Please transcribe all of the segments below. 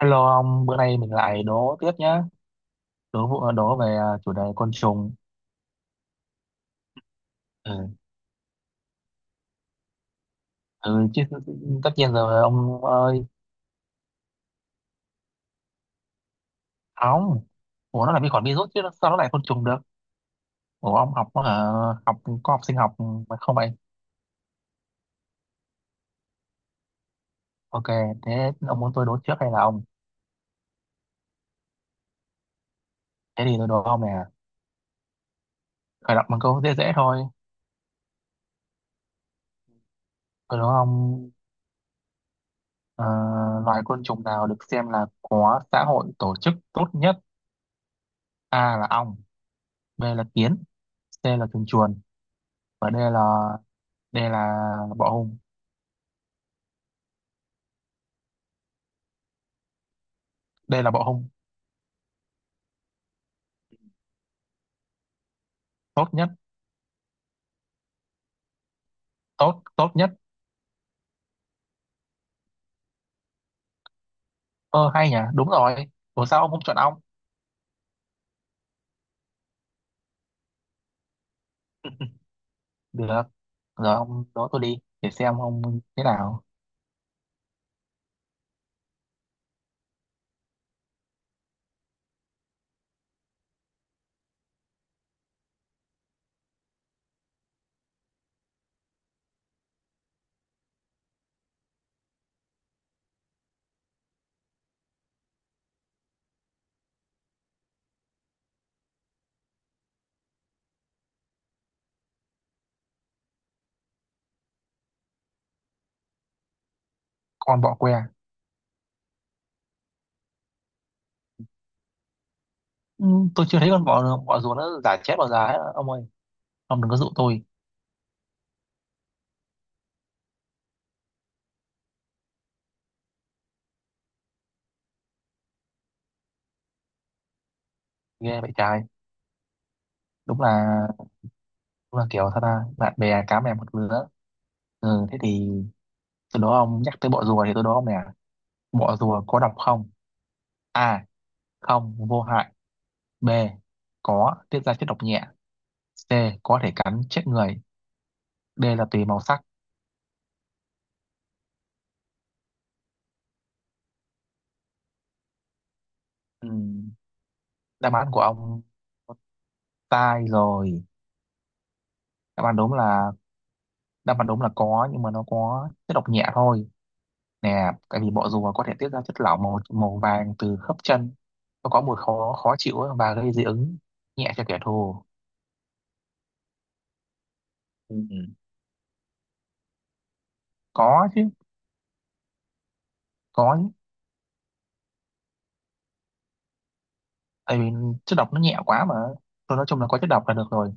Hello ông, bữa nay mình lại đố tiếp nhá. Đố về chủ đề côn trùng. Ừ, ừ chứ tất nhiên rồi ông ơi. Không, ủa nó là vi khuẩn virus chứ sao nó lại côn trùng được? Ủa ông học học có học sinh học mà không vậy? Ok, thế ông muốn tôi đố trước hay là ông? Thế thì tôi đố ông nè. Khởi động bằng câu dễ dễ thôi. Tôi đố ông ờ, loài côn trùng nào được xem là có xã hội tổ chức tốt nhất? A là ong, B là kiến, C là chuồn chuồn và D là bọ hung. Đây là bộ hung. Tốt nhất. Tốt tốt nhất. Ơ hay nhỉ, đúng rồi. Ủa sao ông không chọn ong? Được rồi, ông đó tôi đi để xem ông thế nào. Con bọ que. Ừ, tôi chưa thấy con bọ bọ rùa nó giả chết bao giờ ấy ông ơi. Ông đừng có dụ tôi. Ghê vậy trai. Đúng là đúng là kiểu sao ta, bạn bè cá mè một lứa. Ừ, thế thì từ đó ông nhắc tới bọ rùa thì tôi đố ông nè. Bọ rùa có độc không? A không vô hại, B có tiết ra chất độc nhẹ, C có thể cắn chết người, D là tùy màu sắc. Ừ. Đáp án của ông sai rồi. Đáp án đúng là đáp án đúng là có, nhưng mà nó có chất độc nhẹ thôi nè. Tại vì bọ rùa có thể tiết ra chất lỏng màu màu vàng từ khớp chân. Nó có mùi khó khó chịu ấy và gây dị ứng nhẹ cho kẻ thù. Ừ. Có chứ. Có chứ. Tại vì chất độc nó nhẹ quá mà. Thôi nói chung là có chất độc là được rồi.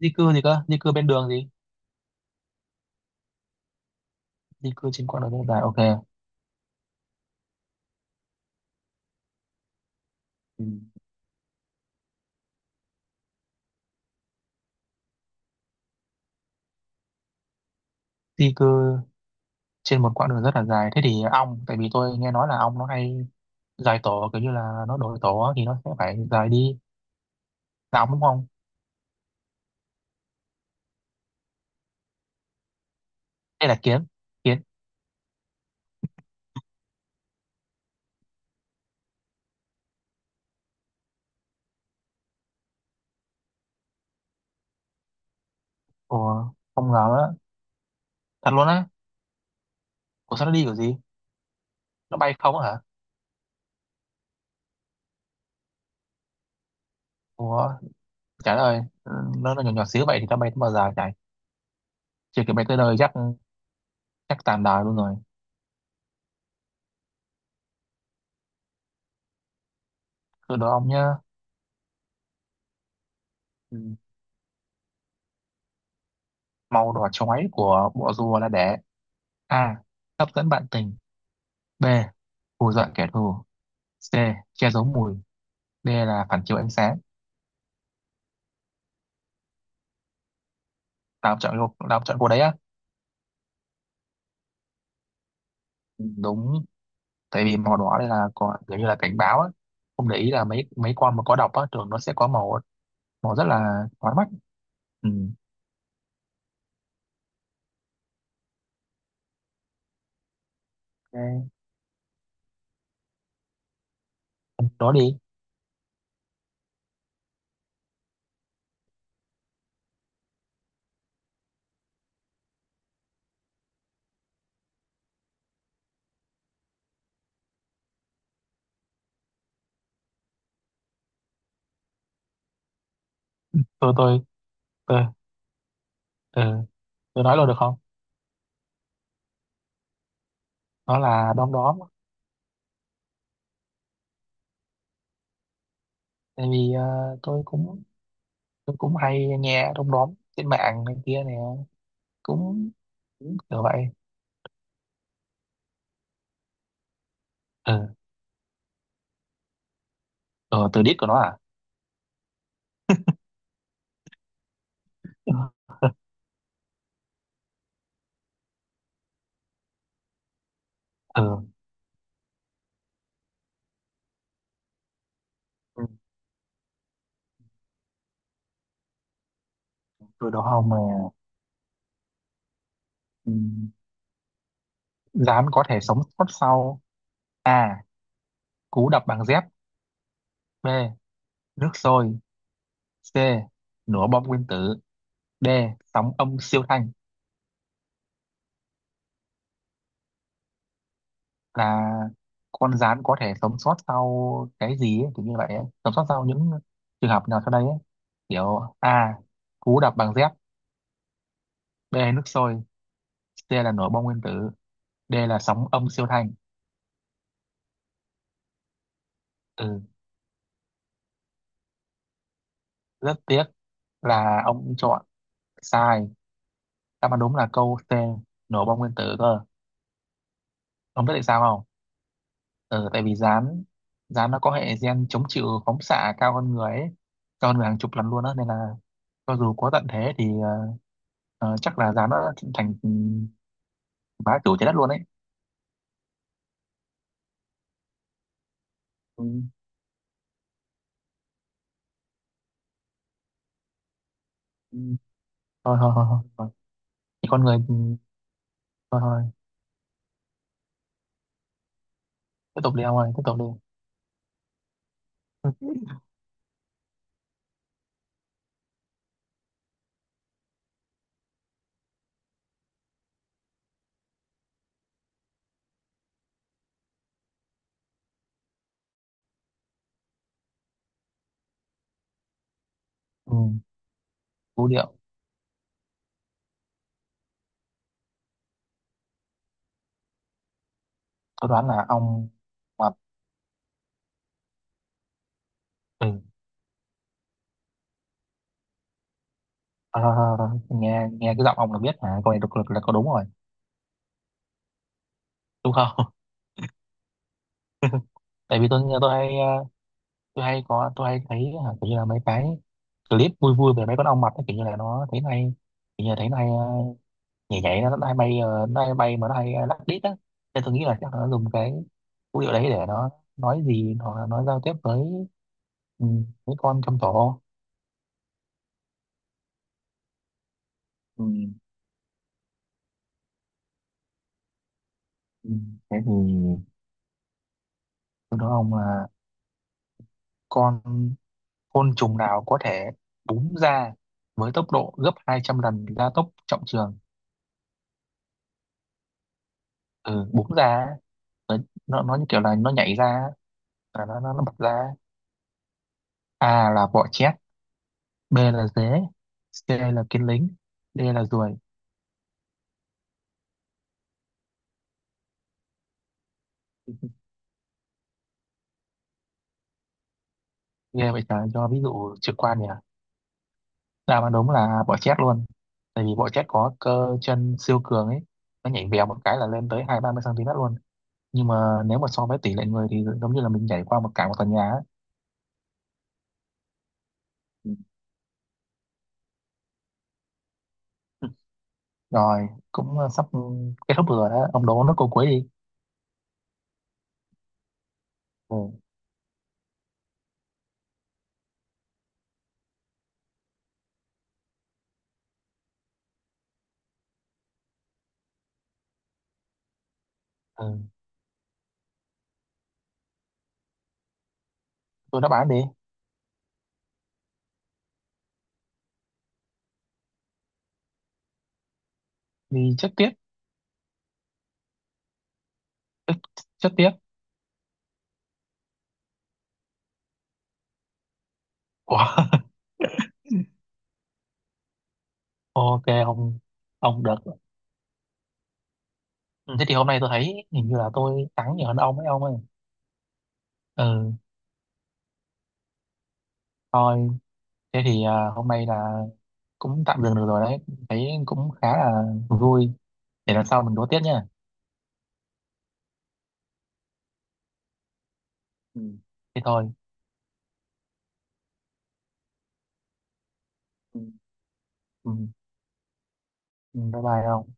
Di cư gì cơ, di cư bên đường gì? Di cư trên quãng đường rất là dài, ok. Ừ. Di cư trên một quãng đường rất là dài, thế thì ong, tại vì tôi nghe nói là ong nó hay dài tổ, kiểu như là nó đổi tổ á, thì nó sẽ phải dài đi đóng, đúng không? Đây là kiến. Kiến. Ủa, không ngờ đó. Thật luôn á. Ủa sao nó đi kiểu gì? Nó bay không á hả? Ủa, trời ơi. Ừ, nó nhỏ nhỏ xíu vậy thì nó bay tới bao giờ chạy. Chưa kịp bay tới nơi chắc chắc tàn đời luôn rồi. Cứ đó ông nhá. Ừ. Màu đỏ chói của bộ rùa là để: A hấp dẫn bạn tình, B hù dọa kẻ thù, C che giấu mùi, D là phản chiếu ánh sáng. Tao chọn cô, tao chọn cô đấy á. Đúng. Tại vì màu đỏ đây là có kiểu như là cảnh báo á. Không để ý là mấy mấy con mà có độc á thường nó sẽ có màu màu rất là chói mắt. Ừ. Ok. Đó đi. Tôi tôi tôi ừ, tôi nói luôn được không? Nó là đom đóm. Tại vì tôi cũng tôi cũng hay nghe đom đóm trên mạng này kia nè, cũng cũng kiểu vậy. Ừ. Ừ, từ đít của nó à. Ừ. Ừ. Ừ. Từ đó không mà. Ừ. Rán có thể sống sót sau: A cú đập bằng dép, B nước sôi, C nổ bom nguyên tử, D sóng âm siêu thanh. Là con gián có thể sống sót sau cái gì ấy, kiểu như vậy ấy. Sống sót sau những trường hợp nào sau đây ấy. Kiểu A cú đập bằng dép, B nước sôi, C là nổ bom nguyên tử, D là sóng âm siêu thanh. Ừ, rất tiếc là ông chọn sai. Đáp án đúng là câu C, nổ bom nguyên tử cơ. Ông biết tại sao không? Ừ, tại vì gián gián nó có hệ gen chống chịu phóng xạ cao hơn người ấy, cao hơn người hàng chục lần luôn á, nên là cho dù có tận thế thì chắc là giá nó thành bá chủ trái đất luôn ấy. Ừ. Ừ. Thôi thôi thôi thôi thôi. Thì con người thôi thôi. Tiếp tục đi ông ơi, tiếp tục đi. Ừ. Vũ điệu. Tôi đoán là ông mập. Ừ. Thôi, thôi, thôi, thôi. Nghe nghe cái giọng ông là biết hả, câu này độc lực là có đúng rồi, đúng không? Tại vì tôi hay tôi hay có tôi hay thấy hả, kiểu như là mấy cái clip vui vui về mấy con ong mập ấy, kiểu như là nó thấy này, kiểu như là thấy này nhảy nhảy, nó hay bay, mà nó hay lắc đít á, nên tôi nghĩ là chắc là nó dùng cái vũ điệu đấy để nó nói gì hoặc là nó giao tiếp ừ, với con trong tổ. Ừ. Ừ. Thế thì tôi nói ông là con côn trùng nào có thể búng ra với tốc độ gấp 200 lần gia tốc trọng trường. Ừ, búng ra á, nó như kiểu là nó nhảy ra á, là nó bật ra á. A là bọ chét, B là dế, C là kiến lính, D là ruồi. Ghê vậy trời, cho ví dụ trực quan nhỉ? Đáp án đúng là bọ chét luôn. Tại vì bọ chét có cơ chân siêu cường ấy, nó nhảy vèo một cái là lên tới hai ba mươi cm luôn. Nhưng mà nếu mà so với tỷ lệ người thì giống như là mình nhảy qua cả một tòa nhà ấy. Ừ. Rồi, cũng sắp kết thúc rồi đó. Ông đố nó câu cuối đi. Ừ. Ừ. Tôi đáp án đi. Vì chất tiết. Ê, chất tiết. Ủa? Ok, ông được. Ừ, thế thì hôm nay tôi thấy hình như là tôi thắng nhiều hơn ông ấy ông ơi. Ừ, thôi. Thế thì hôm nay là cũng tạm dừng được rồi đấy, thấy cũng khá là vui, để lần sau mình đố tiếp nha. Ừ. Thế thôi. Ừ. Ừ. Ừ, bye bye không.